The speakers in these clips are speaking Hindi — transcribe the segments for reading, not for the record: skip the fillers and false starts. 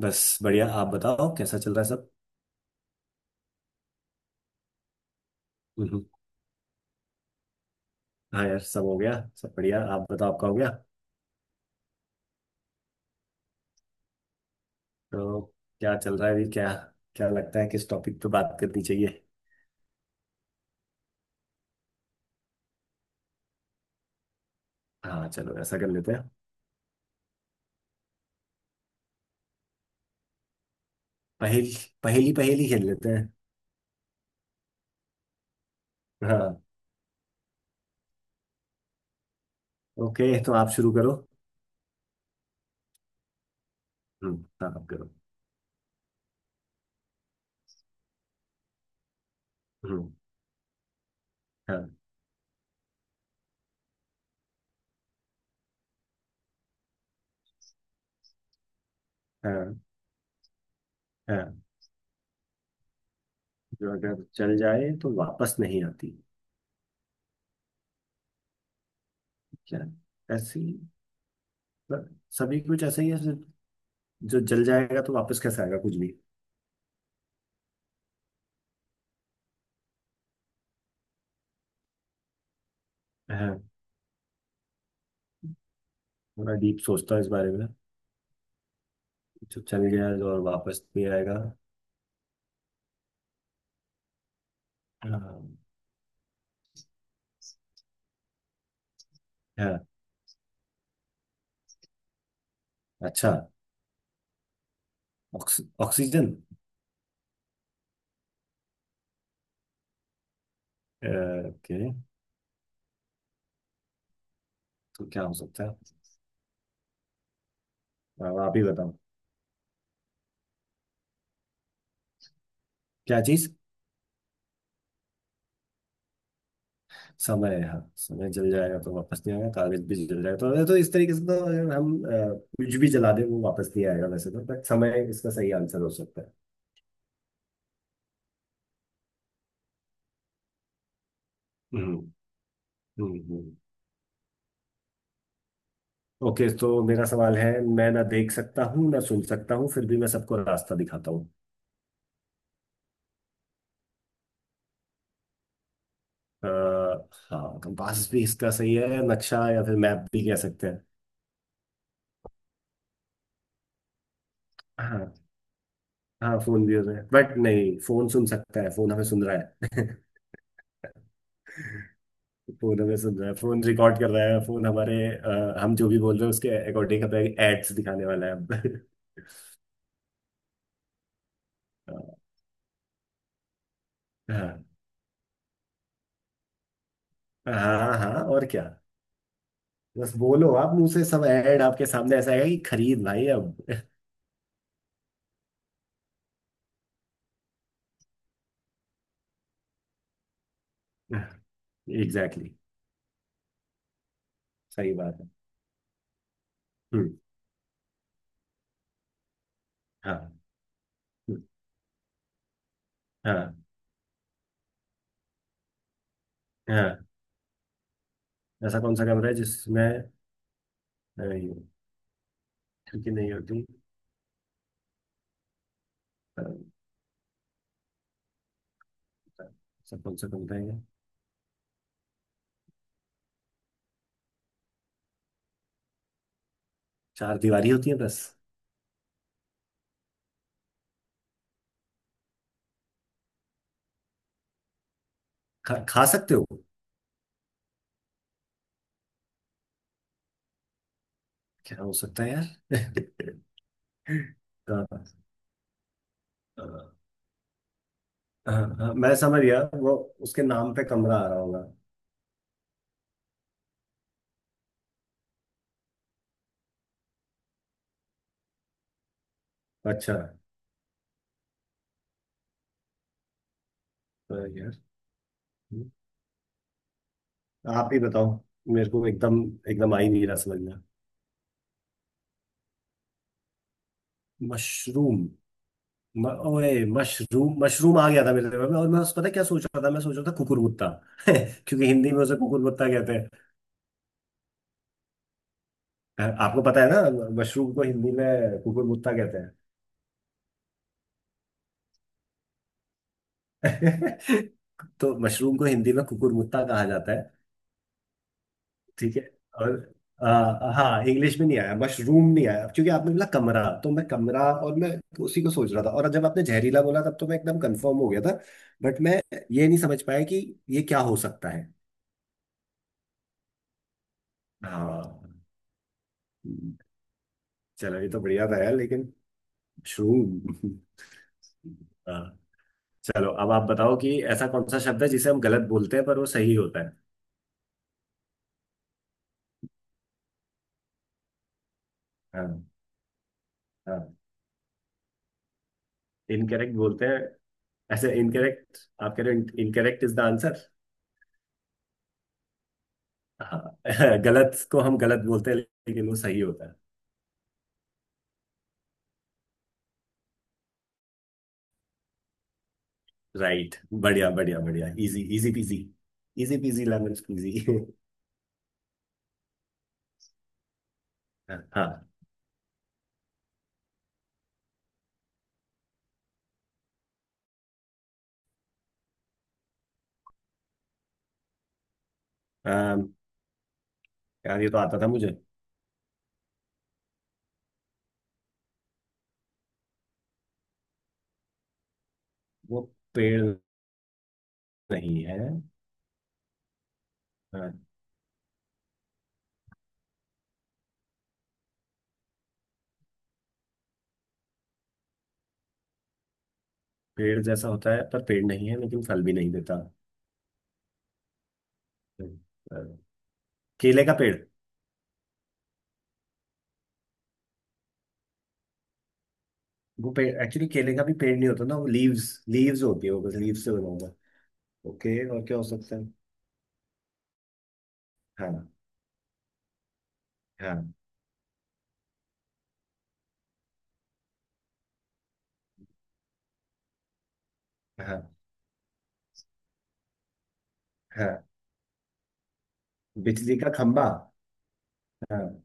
बस बढ़िया। आप बताओ कैसा चल रहा है सब। हम्म, हाँ यार सब हो गया। सब बढ़िया। आप बताओ आपका हो गया? तो क्या चल रहा है अभी? क्या क्या लगता है किस टॉपिक पे बात करनी चाहिए? हाँ, चलो ऐसा कर लेते हैं। पहेली। पहेली पहेली खेल लेते हैं। हाँ। ओके तो आप शुरू करो। हम्म, हाँ आप करो। हम्म, हाँ। हाँ। हाँ, जो अगर चल जाए तो वापस नहीं आती? क्या? ऐसी। मतलब सभी कुछ ऐसा ही है सिर्फ। जो जल जाएगा तो वापस कैसे आएगा कुछ भी? हाँ, थोड़ा डीप सोचता हूँ इस बारे में। जो चल गया है और वापस भी आएगा। अम, है? अच्छा। ऑक्सीजन। ओके तो क्या हो सकता है? अब आप ही बताओ। क्या चीज? समय है। हाँ समय जल जाएगा तो वापस नहीं आएगा। कागज भी जल जाएगा तो इस तरीके से। तो अगर हम कुछ भी जला दें वो वापस नहीं आएगा वैसे तो। बट समय इसका सही आंसर हो सकता है। हम्म। हम्म, ओके तो मेरा सवाल है। मैं ना देख सकता हूँ ना सुन सकता हूँ फिर भी मैं सबको रास्ता दिखाता हूँ। अ, हाँ, कंपास भी इसका सही है। नक्शा या फिर मैप भी कह सकते हैं। हाँ। हाँ, फोन भी हो रहा है बट नहीं। फोन सुन सकता है। फोन हमें सुन रहा है। फोन हमें सुन रहा है। फोन रिकॉर्ड कर रहा है। हम जो भी बोल रहे हैं उसके अकॉर्डिंग हमें एड्स दिखाने वाला है अब। हाँ, हाँ। हाँ और क्या? बस बोलो आप मुंह से। सब ऐड आपके सामने ऐसा आएगा कि खरीद भाई अब। Exactly, exactly। सही बात है। हम्म। हाँ। हम्म, हाँ। हाँ, ऐसा कौन सा कैमरा है जिसमें हल्की नहीं होती? पर सब कम से कम रहेगा। चार दीवारी होती है बस। खा सकते हो? क्या हो सकता है यार? हाँ, हाँ, हाँ, हाँ, मैं समझ गया। वो उसके नाम पे कमरा आ रहा होगा। अच्छा। तो यार। हम्म, आप ही बताओ। मेरे को एकदम एकदम आ ही नहीं रहा समझ में। मशरूम। ओए मशरूम मशरूम आ गया था मेरे दिमाग में। और मैं उस पता है क्या सोच रहा था? मैं सोच रहा था कुकुरमुत्ता। क्योंकि हिंदी में उसे कुकुरमुत्ता कहते। आपको पता है ना मशरूम को हिंदी में कुकुरमुत्ता कहते हैं? तो मशरूम को हिंदी में कुकुरमुत्ता कहा जाता है। ठीक है। और हाँ, इंग्लिश में नहीं आया। मशरूम नहीं आया क्योंकि आपने बोला कमरा। तो मैं कमरा और मैं उसी को सोच रहा था। और जब आपने जहरीला बोला तब तो मैं एकदम कंफर्म हो गया था। बट मैं ये नहीं समझ पाया कि ये क्या हो सकता है। हाँ। चलो ये तो बढ़िया था यार, लेकिन मशरूम। हाँ। चलो अब आप बताओ कि ऐसा कौन सा शब्द है जिसे हम गलत बोलते हैं पर वो सही होता है? हाँ, हाँ, इनकरेक्ट बोलते हैं। ऐसे इनकरेक्ट? आप कह रहे हो इनकरेक्ट इज द आंसर? हाँ। गलत को हम गलत बोलते हैं लेकिन वो सही होता है। राइट, बढ़िया बढ़िया बढ़िया। Easy easy peasy. Easy peasy lemon squeezy. हाँ। अम, यार ये तो आता था मुझे। वो पेड़ नहीं है। हाँ, पेड़ जैसा होता है पर पेड़ नहीं है लेकिन फल भी नहीं देता। अ, केले का पेड़। वो पेड़ एक्चुअली केले का भी पेड़ नहीं होता ना। वो लीव्स लीव्स होती है। वो बस लीव से बना होता है। ओके और क्या हो सकता है? हाँ। हाँ, हाँ, हाँ, बिजली का खंबा। हाँ,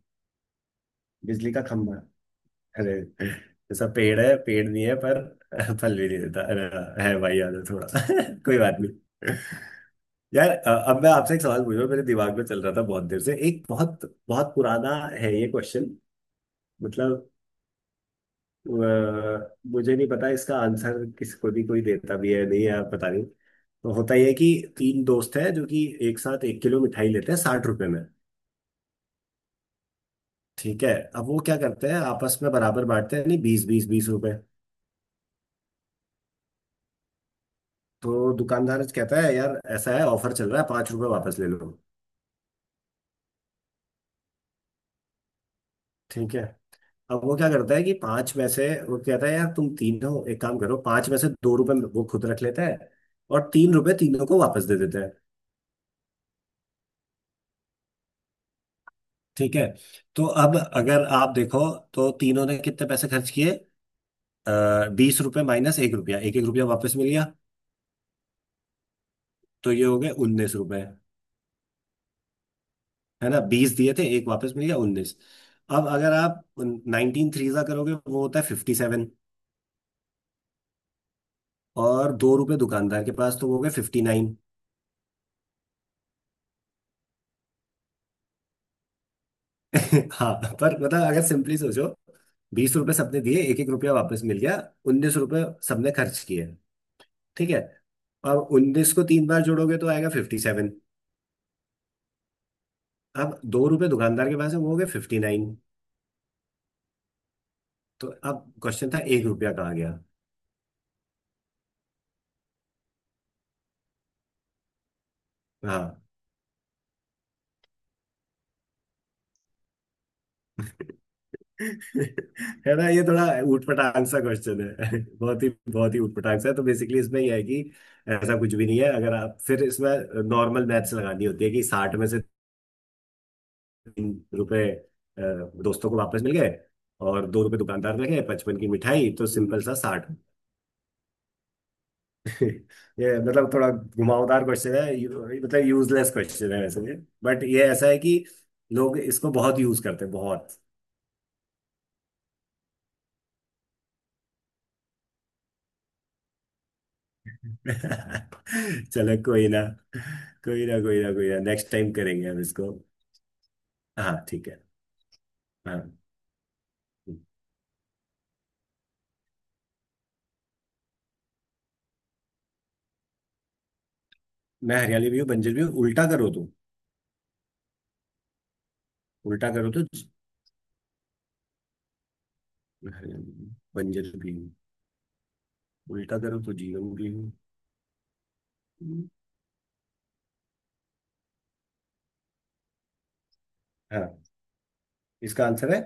बिजली का खंबा। अरे जैसा पेड़ है, पेड़ नहीं है पर फल भी नहीं देता। अरे हाँ, है भाई, याद है थोड़ा। कोई बात नहीं। यार, अब मैं आपसे एक सवाल पूछ रहा हूँ। मेरे दिमाग में चल रहा था बहुत देर से। एक बहुत बहुत पुराना है ये क्वेश्चन। मतलब मुझे नहीं पता इसका आंसर किसको भी। कोई देता भी है नहीं यार, पता नहीं। तो होता यह है कि तीन दोस्त हैं जो कि एक साथ 1 किलो मिठाई लेते हैं 60 रुपए में। ठीक है। अब वो क्या करते हैं? आपस में बराबर बांटते हैं। नहीं, बीस बीस बीस रुपए। तो दुकानदार कहता है यार ऐसा है, ऑफर चल रहा है, 5 रुपए वापस ले लो। ठीक है। अब वो क्या करता है कि पांच में से, वो कहता है यार तुम तीन हो एक काम करो, पांच में से 2 रुपए वो खुद रख लेता है। और 3 रुपए तीनों को वापस दे देता है। ठीक है। तो अब अगर आप देखो तो तीनों ने कितने पैसे खर्च किए? 20 रुपए माइनस 1 रुपया, एक एक रुपया वापस मिल गया। तो ये हो गए 19 रुपए। है ना? बीस दिए थे, एक वापस मिल गया, उन्नीस। अब अगर आप नाइनटीन थ्रीजा करोगे वो होता है 57। और दो रुपए दुकानदार के पास, तो वो हो गए 59। हाँ। पर मतलब अगर सिंपली सोचो, बीस रुपए सबने दिए, एक एक रुपया वापस मिल गया, 19 रुपए सबने खर्च किए। ठीक है। और उन्नीस को 3 बार जोड़ोगे तो आएगा 57। अब दो रुपए दुकानदार के पास है, वो हो गए फिफ्टी नाइन। तो अब क्वेश्चन था 1 रुपया कहाँ गया? हाँ। है ना ये थोड़ा ऊटपटांग सा क्वेश्चन है। बहुत ही ऊटपटांग सा है। तो बेसिकली इसमें यह है कि ऐसा कुछ भी नहीं है। अगर आप फिर इसमें नॉर्मल मैथ्स लगानी होती है कि 60 में से तीन रुपए दोस्तों को वापस मिल गए। और दो रुपए दुकानदार ने गए, 55 की मिठाई तो सिंपल सा साठ। ये मतलब थोड़ा घुमावदार क्वेश्चन है। मतलब यूजलेस क्वेश्चन है वैसे। बट ये But ये ऐसा है कि लोग इसको बहुत यूज करते हैं बहुत। चलो, कोई ना, कोई ना, कोई ना, कोई ना, नेक्स्ट टाइम करेंगे हम इसको। हाँ, ठीक है। हाँ, मैं हरियाणवी भी हूँ, बंजर भी हूँ, उल्टा करो तो। उल्टा करो तो मैं हरियाणवी भी हूँ, बंजर भी हूँ, उल्टा करो तो जीवन भी हूँ। हाँ, इसका आंसर है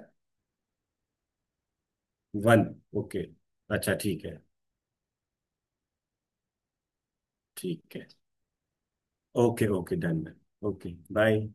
वन। ओके, अच्छा, ठीक है। ठीक है। Okay okay done. Okay, bye.